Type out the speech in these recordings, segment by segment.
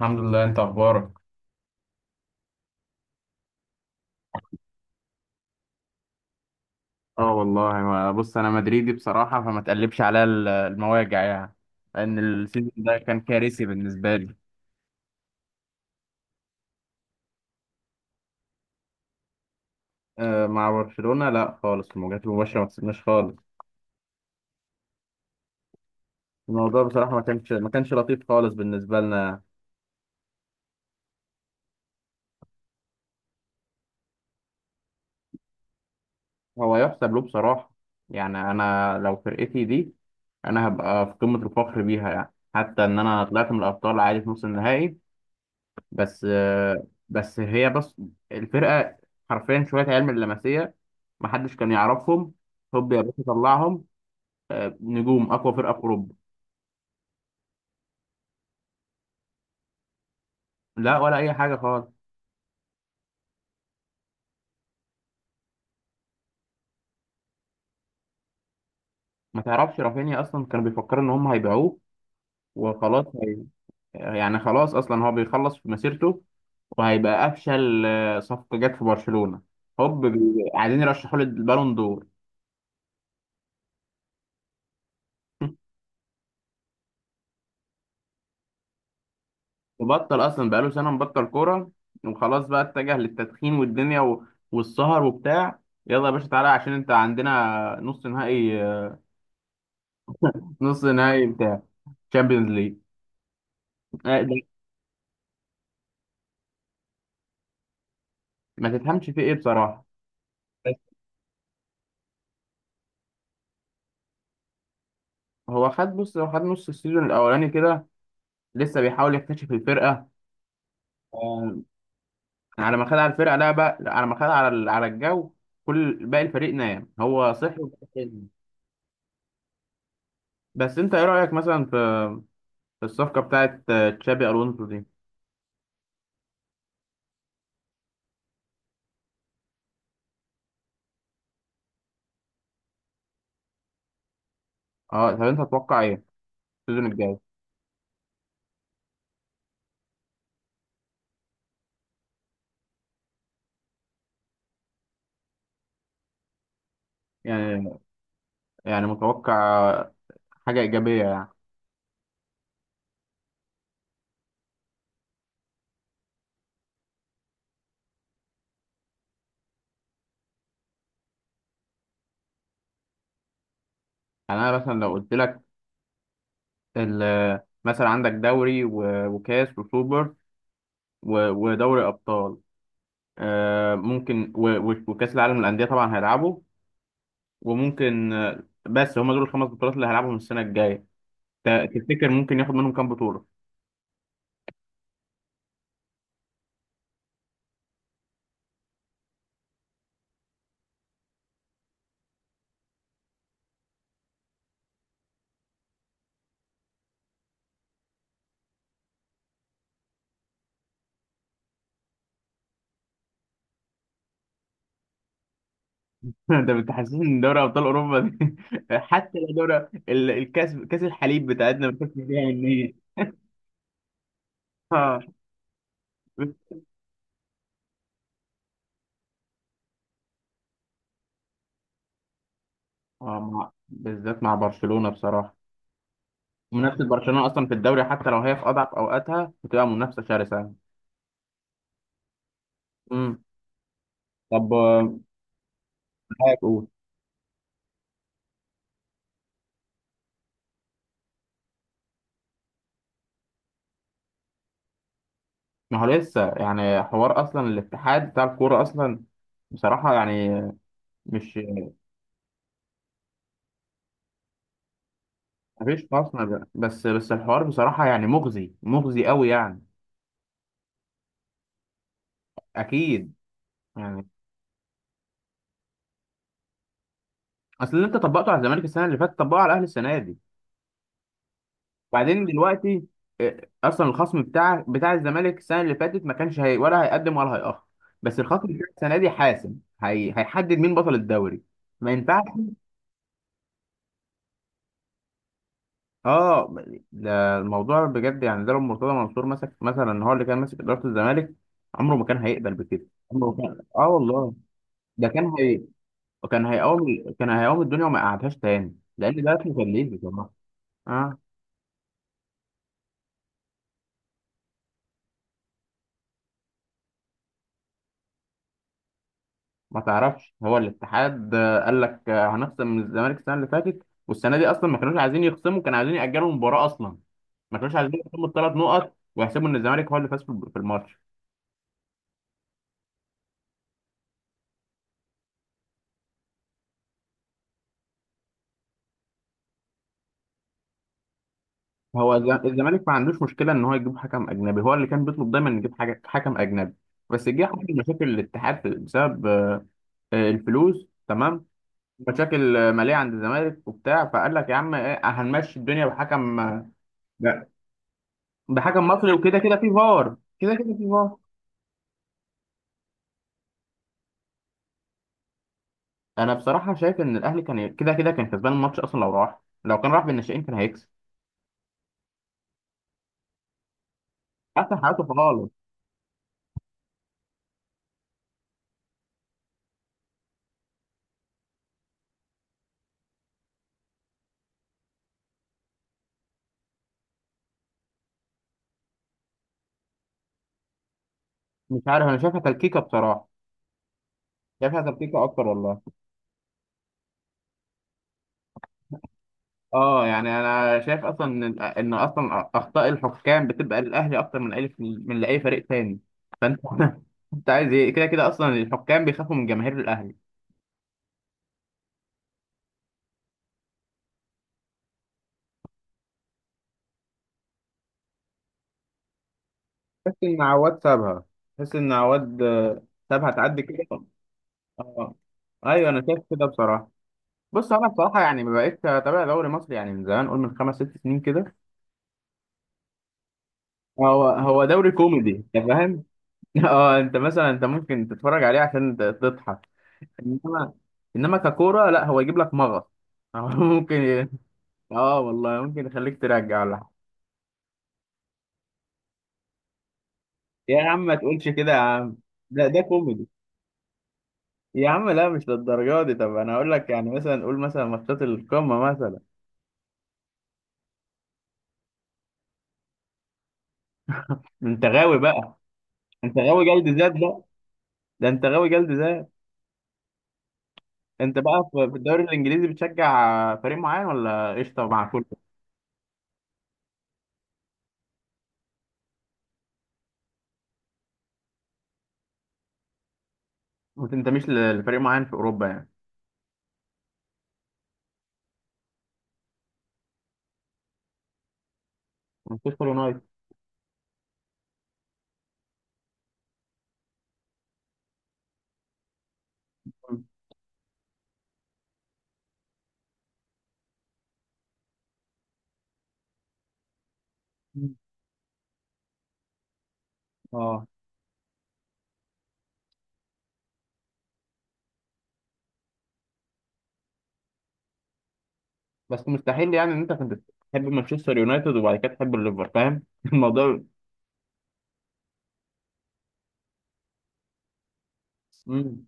الحمد لله، انت اخبارك؟ اه والله، بص انا مدريدي بصراحه، فما تقلبش عليا المواجع يعني. لان السيزون ده كان كارثي بالنسبه لي. آه، مع برشلونه لا خالص، المواجهات المباشره ما كسبناش خالص. الموضوع بصراحه ما كانش لطيف خالص بالنسبه لنا. هو يحسب له بصراحه. يعني انا لو فرقتي دي، انا هبقى في قمه الفخر بيها، يعني حتى ان انا طلعت من الابطال عادي في نص النهائي. بس آه، بس هي بس الفرقة حرفيا شوية عيال من اللمسية. محدش كان يعرفهم. هوب يا باشا طلعهم! نجوم أقوى فرقة في أوروبا. لا، ولا أي حاجة خالص. ما تعرفش رافينيا أصلا كانوا بيفكروا إن هم هيبيعوه. وخلاص يعني خلاص أصلا هو بيخلص في مسيرته، وهيبقى أفشل صفقة جت في برشلونة. هوب عايزين يرشحوا له البالون دور. وبطل اصلا بقاله سنه مبطل كوره، وخلاص بقى اتجه للتدخين والدنيا والسهر وبتاع. يلا يا باشا تعالى، عشان انت عندنا نص نهائي. نص نهائي بتاع تشامبيونز ليج. آه، ده. ما تفهمش فيه ايه بصراحه. بس هو خد بص هو خد نص السيزون الاولاني كده، لسه بيحاول يكتشف الفرقه. آه، على ما خد على الفرقه، لا بقى على ما خد على على الجو. كل باقي الفريق نام هو صحي وبقى. بس انت ايه رايك مثلا في الصفقه بتاعت تشابي الونسو دي؟ اه، طب انت تتوقع ايه السيزون الجاي؟ يعني يعني متوقع حاجة إيجابية يعني. يعني أنا مثلا لو قلت لك، مثلا عندك دوري وكاس وسوبر ودوري أبطال، ممكن وكأس العالم للأندية طبعا هيلعبوا، وممكن بس هما دول الخمس بطولات اللي هيلعبهم السنة الجاية. تفتكر ممكن ياخد منهم كام بطولة؟ ده بتحسسني إن دوري أبطال أوروبا دي حتى لو دوري كاس الحليب بتاعتنا بنخش فيها إن هي. آه. آه، بالذات مع برشلونة بصراحة. منافسة برشلونة أصلا في الدوري حتى لو هي في أضعف أوقاتها بتبقى منافسة شرسة. امم. طب رأيك قول. ما هو لسه يعني حوار أصلا الاتحاد بتاع الكورة أصلا. بصراحة يعني مش، مفيش خاصنا، بس الحوار بصراحة يعني مغزي مغزي قوي يعني. أكيد يعني. أصل اللي أنت طبقته على الزمالك السنة اللي فاتت طبقه على الأهلي السنة دي. بعدين دلوقتي اصلا الخصم بتاع الزمالك السنه اللي فاتت ما كانش هي ولا هيقدم ولا هيأخر. بس الخصم بتاع السنه دي حاسم. هيحدد مين بطل الدوري. ما ينفعش. اه، ده الموضوع بجد يعني، ده لو مرتضى منصور مسك، مثلا هو اللي كان ماسك اداره الزمالك، عمره ما كان هيقبل بكده. عمره ما كان، اه والله. ده كان كان هيقوم الدنيا وما قعدهاش تاني، لان ده اسمه تدليس بصراحه. اه، ما تعرفش هو الاتحاد قال لك، هنخصم من الزمالك السنه اللي فاتت والسنه دي اصلا. ما كانوش عايزين يخصموا، كانوا عايزين ياجلوا المباراه اصلا. ما كانوش عايزين يخصموا الثلاث نقط ويحسبوا ان الزمالك هو اللي فاز في الماتش. هو الزمالك ما عندوش مشكله ان هو يجيب حكم اجنبي، هو اللي كان بيطلب دايما يجيب حاجه حكم اجنبي. بس جه حصل مشاكل الاتحاد بسبب الفلوس، تمام. مشاكل ماليه عند الزمالك وبتاع، فقال لك يا عم إيه، هنمشي الدنيا بحكم آه، بحكم مصري، وكده كده في فار، كده كده في فار. انا بصراحه شايف ان الاهلي كان كده كده كان كسبان الماتش اصلا، لو كان راح بالناشئين كان هيكسب. حتى حياته خالص. مش عارف، انا شايفها تلكيكه بصراحه. شايفها تلكيكه اكتر والله. اه، يعني انا شايف اصلا ان اصلا اخطاء الحكام بتبقى للاهلي اكتر من لاي فريق تاني، فانت انت عايز ايه؟ كده كده اصلا الحكام بيخافوا من جماهير الاهلي. تحس ان عواد سابها. تحس ان عواد سابها تعدي كده. اه، ايوه انا شايف كده بصراحه. بص انا بصراحه يعني ما بقتش اتابع دوري مصري يعني من زمان، قول من خمس ست سنين كده. هو هو دوري كوميدي. انت فاهم؟ اه، انت ممكن تتفرج عليه عشان تضحك. انما انما ككوره لا، هو يجيب لك مغص. هو ممكن. اه والله ممكن يخليك ترجع ولا حاجه. يا عم ما تقولش كده يا عم. ده كوميدي. يا عم لا مش للدرجه دي. طب انا هقول لك يعني، مثلا قول مثلا ماتشات القمه مثلا. انت غاوي بقى. انت غاوي جلد ذات بقى. ده انت غاوي جلد. انت بقى في الدوري الانجليزي، بتشجع فريق معين ولا قشطه مع كله؟ ما تنتميش لفريق معين في اوروبا يعني؟ مانشستر يونايتد. مم. اه. بس مستحيل يعني ان انت كنت تحب مانشستر يونايتد وبعد كده تحب الليفر، فاهم الموضوع؟ مم.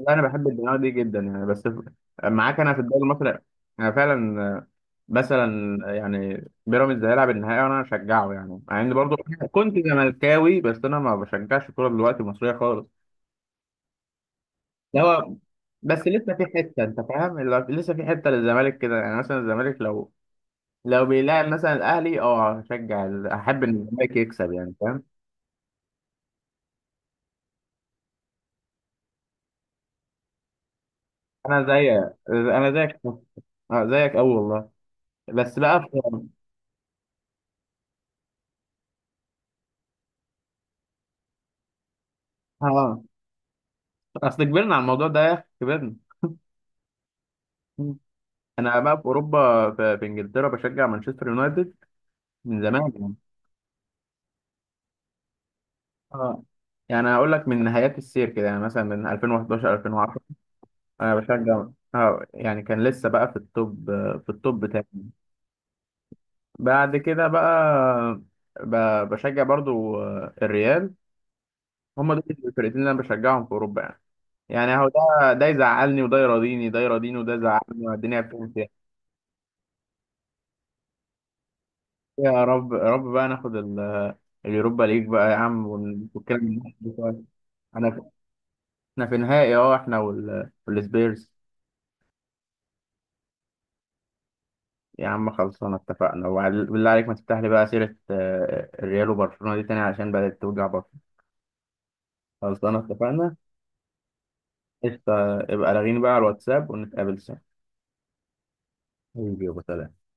لا انا بحب الدماغ دي جدا يعني، بس معاك انا في الدوري المصري. انا فعلا، مثلا يعني بيراميدز هيلعب النهائي وانا هشجعه يعني، مع اني برضو كنت زملكاوي، بس انا ما بشجعش الكوره دلوقتي المصريه خالص. ده هو، بس لسه في حته، انت فاهم؟ لسه في حته للزمالك كده، يعني مثلا الزمالك لو بيلاعب مثلا الاهلي، اه هشجع احب ان الزمالك يكسب، يعني فاهم. انا زي انا زيك. اه زيك قوي والله. بس بقى اه، اصل كبرنا على الموضوع ده يا اخي، كبرنا. مم. انا بقى في اوروبا، في انجلترا بشجع مانشستر يونايتد. من زمان يعني. اه، يعني هقول لك من نهايات السير كده، يعني مثلا من 2011 2010. انا بشجع. اه يعني كان لسه بقى في التوب، في التوب بتاعي. بعد كده بقى بشجع برضو الريال. هما دول الفرقتين اللي انا بشجعهم في اوروبا يعني. يعني هو ده يزعلني وده يراضيني، ده يراضيني وده يزعلني، والدنيا بتمشي يعني. يا رب، يا رب بقى ناخد اليوروبا ليج بقى يا عم، ونتكلم من الناحية دي شوية. انا احنا في نهائي، اه احنا والسبيرز. يا عم خلصانه اتفقنا، بالله عليك ما تفتح لي بقى سيره الريال وبرشلونه دي تاني، عشان بدات توجع برشلونه. خلصانه اتفقنا. قشطة، يبقى لاغيني بقى على الواتساب ونتقابل سوا. حبيبي يا ابو سلام.